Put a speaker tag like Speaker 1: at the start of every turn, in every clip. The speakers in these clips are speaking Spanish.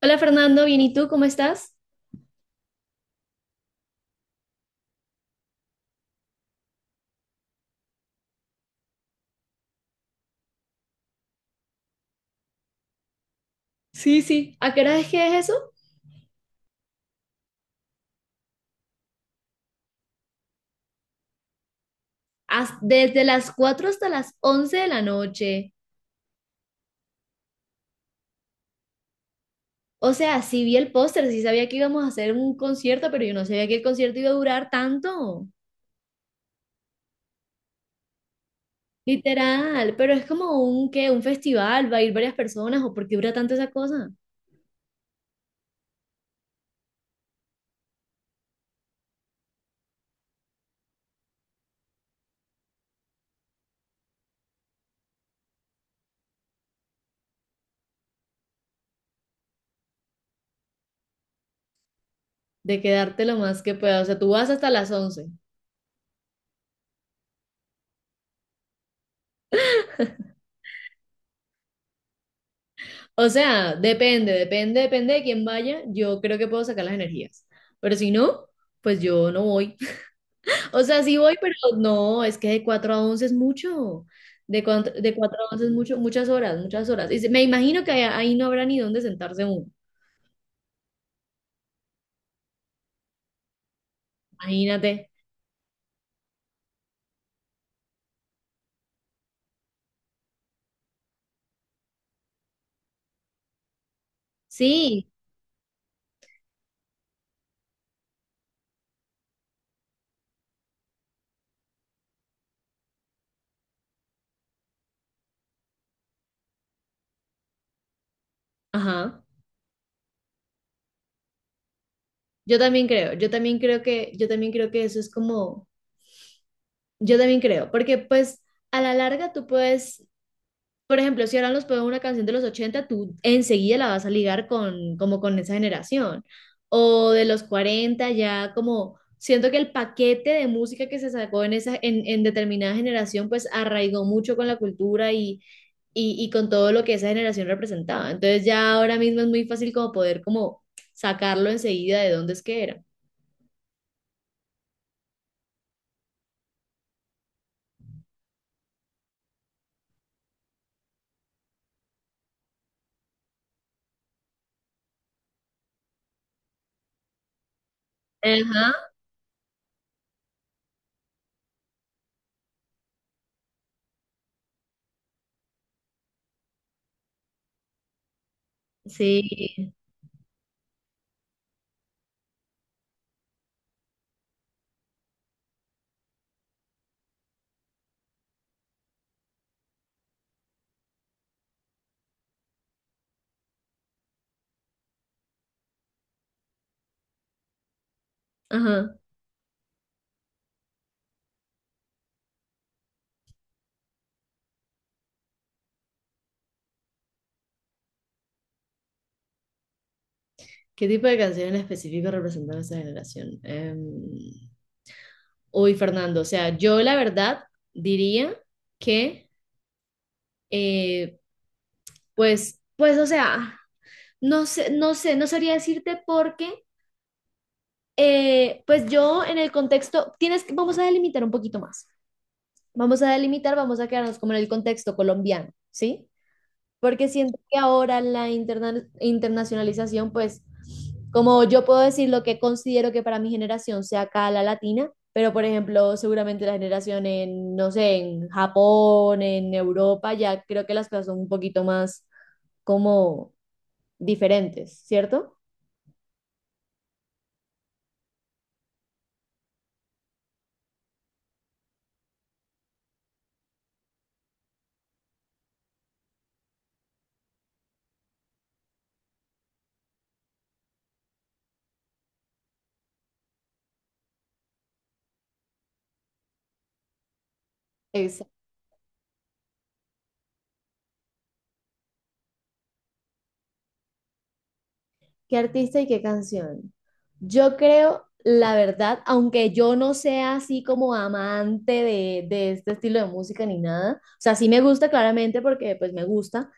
Speaker 1: Hola Fernando, bien, ¿y tú cómo estás? Sí, sí. ¿A qué hora es que es eso? Desde las 4 hasta las 11 de la noche. O sea, sí vi el póster, sí sabía que íbamos a hacer un concierto, pero yo no sabía que el concierto iba a durar tanto. Literal, pero es como un qué, un festival, va a ir varias personas, o por qué dura tanto esa cosa. De quedarte lo más que pueda. O sea, tú vas hasta las 11. O sea, depende, depende, depende de quién vaya. Yo creo que puedo sacar las energías. Pero si no, pues yo no voy. O sea, sí voy, pero no, es que de 4 a 11 es mucho. De 4, de 4 a 11 es mucho, muchas horas, muchas horas. Y me imagino que ahí, ahí no habrá ni dónde sentarse uno. Imagínate. Sí, ajá. Yo también creo que, yo también creo que eso es como, porque pues a la larga tú puedes. Por ejemplo, si ahora nos ponen una canción de los 80, tú enseguida la vas a ligar con, como con esa generación. O de los 40, ya como siento que el paquete de música que se sacó en esa, en determinada generación, pues arraigó mucho con la cultura y con todo lo que esa generación representaba. Entonces ya ahora mismo es muy fácil como poder como sacarlo enseguida de dónde es que era. Ajá, sí, ajá. ¿Qué tipo de canción en específico representaba esa generación? Uy, Fernando, o sea, yo la verdad diría que, eh, pues, pues, o sea, no sé, no sé, no sabría decirte porque, pues yo en el contexto, vamos a delimitar un poquito más, vamos a quedarnos como en el contexto colombiano, ¿sí? Porque siento que ahora la internacionalización, pues, como yo puedo decir lo que considero que para mi generación sea acá la latina, pero por ejemplo, seguramente la generación en, no sé, en Japón, en Europa, ya creo que las cosas son un poquito más como diferentes, ¿cierto? ¿Qué artista y qué canción? Yo creo, la verdad, aunque yo no sea así como amante de este estilo de música ni nada. O sea, sí me gusta claramente porque pues me gusta,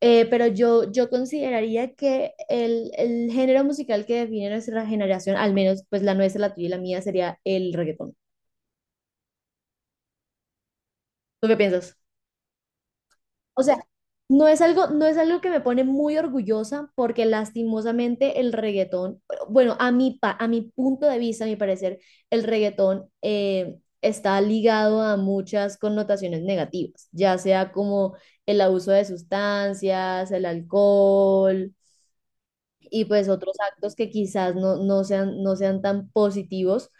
Speaker 1: pero yo consideraría que el género musical que define nuestra generación, al menos pues la nuestra, la tuya y la mía, sería el reggaetón. ¿Tú qué piensas? O sea, no es algo que me pone muy orgullosa porque lastimosamente el reggaetón, bueno, a mi punto de vista, a mi parecer, el reggaetón, está ligado a muchas connotaciones negativas, ya sea como el abuso de sustancias, el alcohol y pues otros actos que quizás no, no sean tan positivos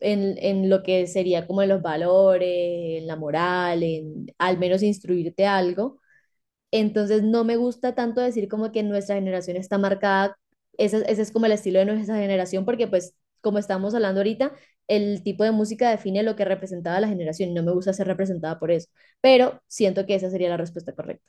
Speaker 1: en lo que sería como en los valores, en la moral, en al menos instruirte algo. Entonces no me gusta tanto decir como que nuestra generación está marcada, ese es como el estilo de nuestra generación, porque pues como estamos hablando ahorita, el tipo de música define lo que representaba la generación y no me gusta ser representada por eso, pero siento que esa sería la respuesta correcta.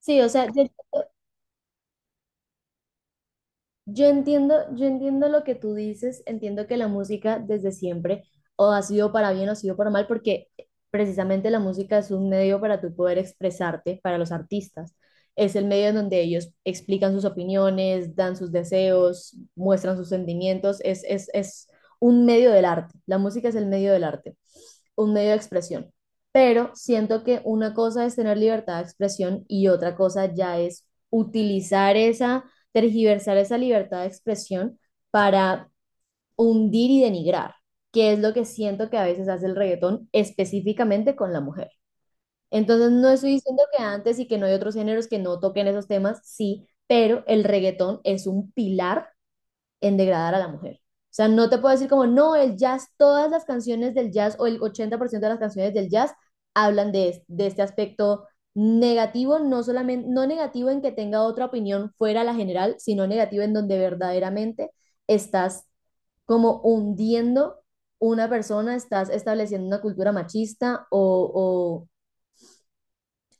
Speaker 1: Sí, o sea, yo entiendo lo que tú dices, entiendo que la música desde siempre o ha sido para bien o ha sido para mal, porque precisamente la música es un medio para tú poder expresarte, para los artistas. Es el medio en donde ellos explican sus opiniones, dan sus deseos, muestran sus sentimientos. Es un medio del arte. La música es el medio del arte, un medio de expresión. Pero siento que una cosa es tener libertad de expresión y otra cosa ya es utilizar esa, tergiversar esa libertad de expresión para hundir y denigrar, que es lo que siento que a veces hace el reggaetón específicamente con la mujer. Entonces, no estoy diciendo que antes y que no hay otros géneros que no toquen esos temas, sí, pero el reggaetón es un pilar en degradar a la mujer. O sea, no te puedo decir como, no, el jazz, todas las canciones del jazz o el 80% de las canciones del jazz hablan de este aspecto negativo, no solamente, no negativo en que tenga otra opinión fuera la general, sino negativo en donde verdaderamente estás como hundiendo una persona, estás estableciendo una cultura machista o,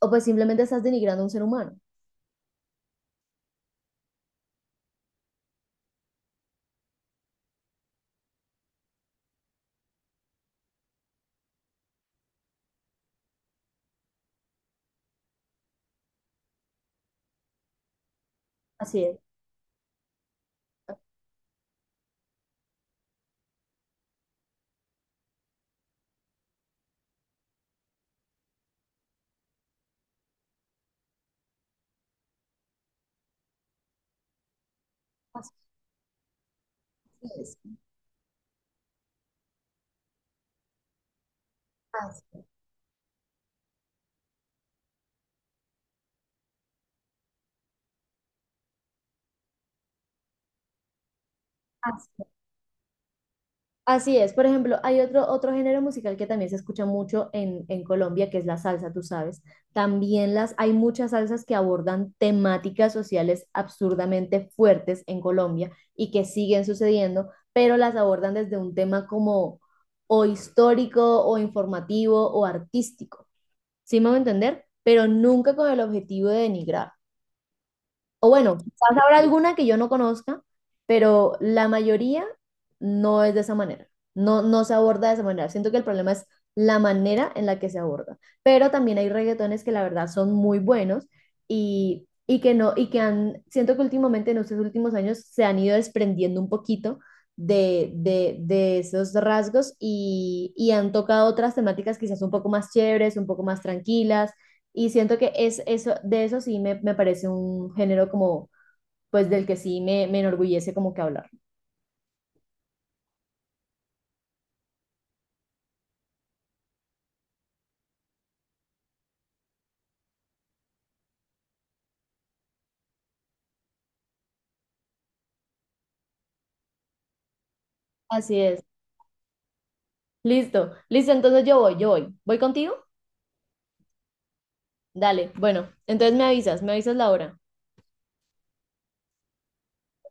Speaker 1: o, o pues simplemente estás denigrando a un ser humano. Así es. Así es. Así es. Así Así es, por ejemplo, hay otro género musical que también se escucha mucho en Colombia, que es la salsa, tú sabes. También las, hay muchas salsas que abordan temáticas sociales absurdamente fuertes en Colombia y que siguen sucediendo, pero las abordan desde un tema como o histórico o informativo o artístico. ¿Sí me voy a entender? Pero nunca con el objetivo de denigrar. O bueno, quizás habrá alguna que yo no conozca, pero la mayoría no es de esa manera. No, no se aborda de esa manera. Siento que el problema es la manera en la que se aborda. Pero también hay reggaetones que la verdad son muy buenos y que no, y que han, siento que últimamente en estos últimos años se han ido desprendiendo un poquito de esos rasgos y han tocado otras temáticas quizás un poco más chéveres, un poco más tranquilas, y siento que es eso. De eso sí me parece un género como, pues del que sí me enorgullece como que hablar. Así es. Listo, listo, entonces yo voy, yo voy. ¿Voy contigo? Dale, bueno, entonces me avisas la hora.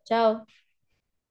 Speaker 1: Chao.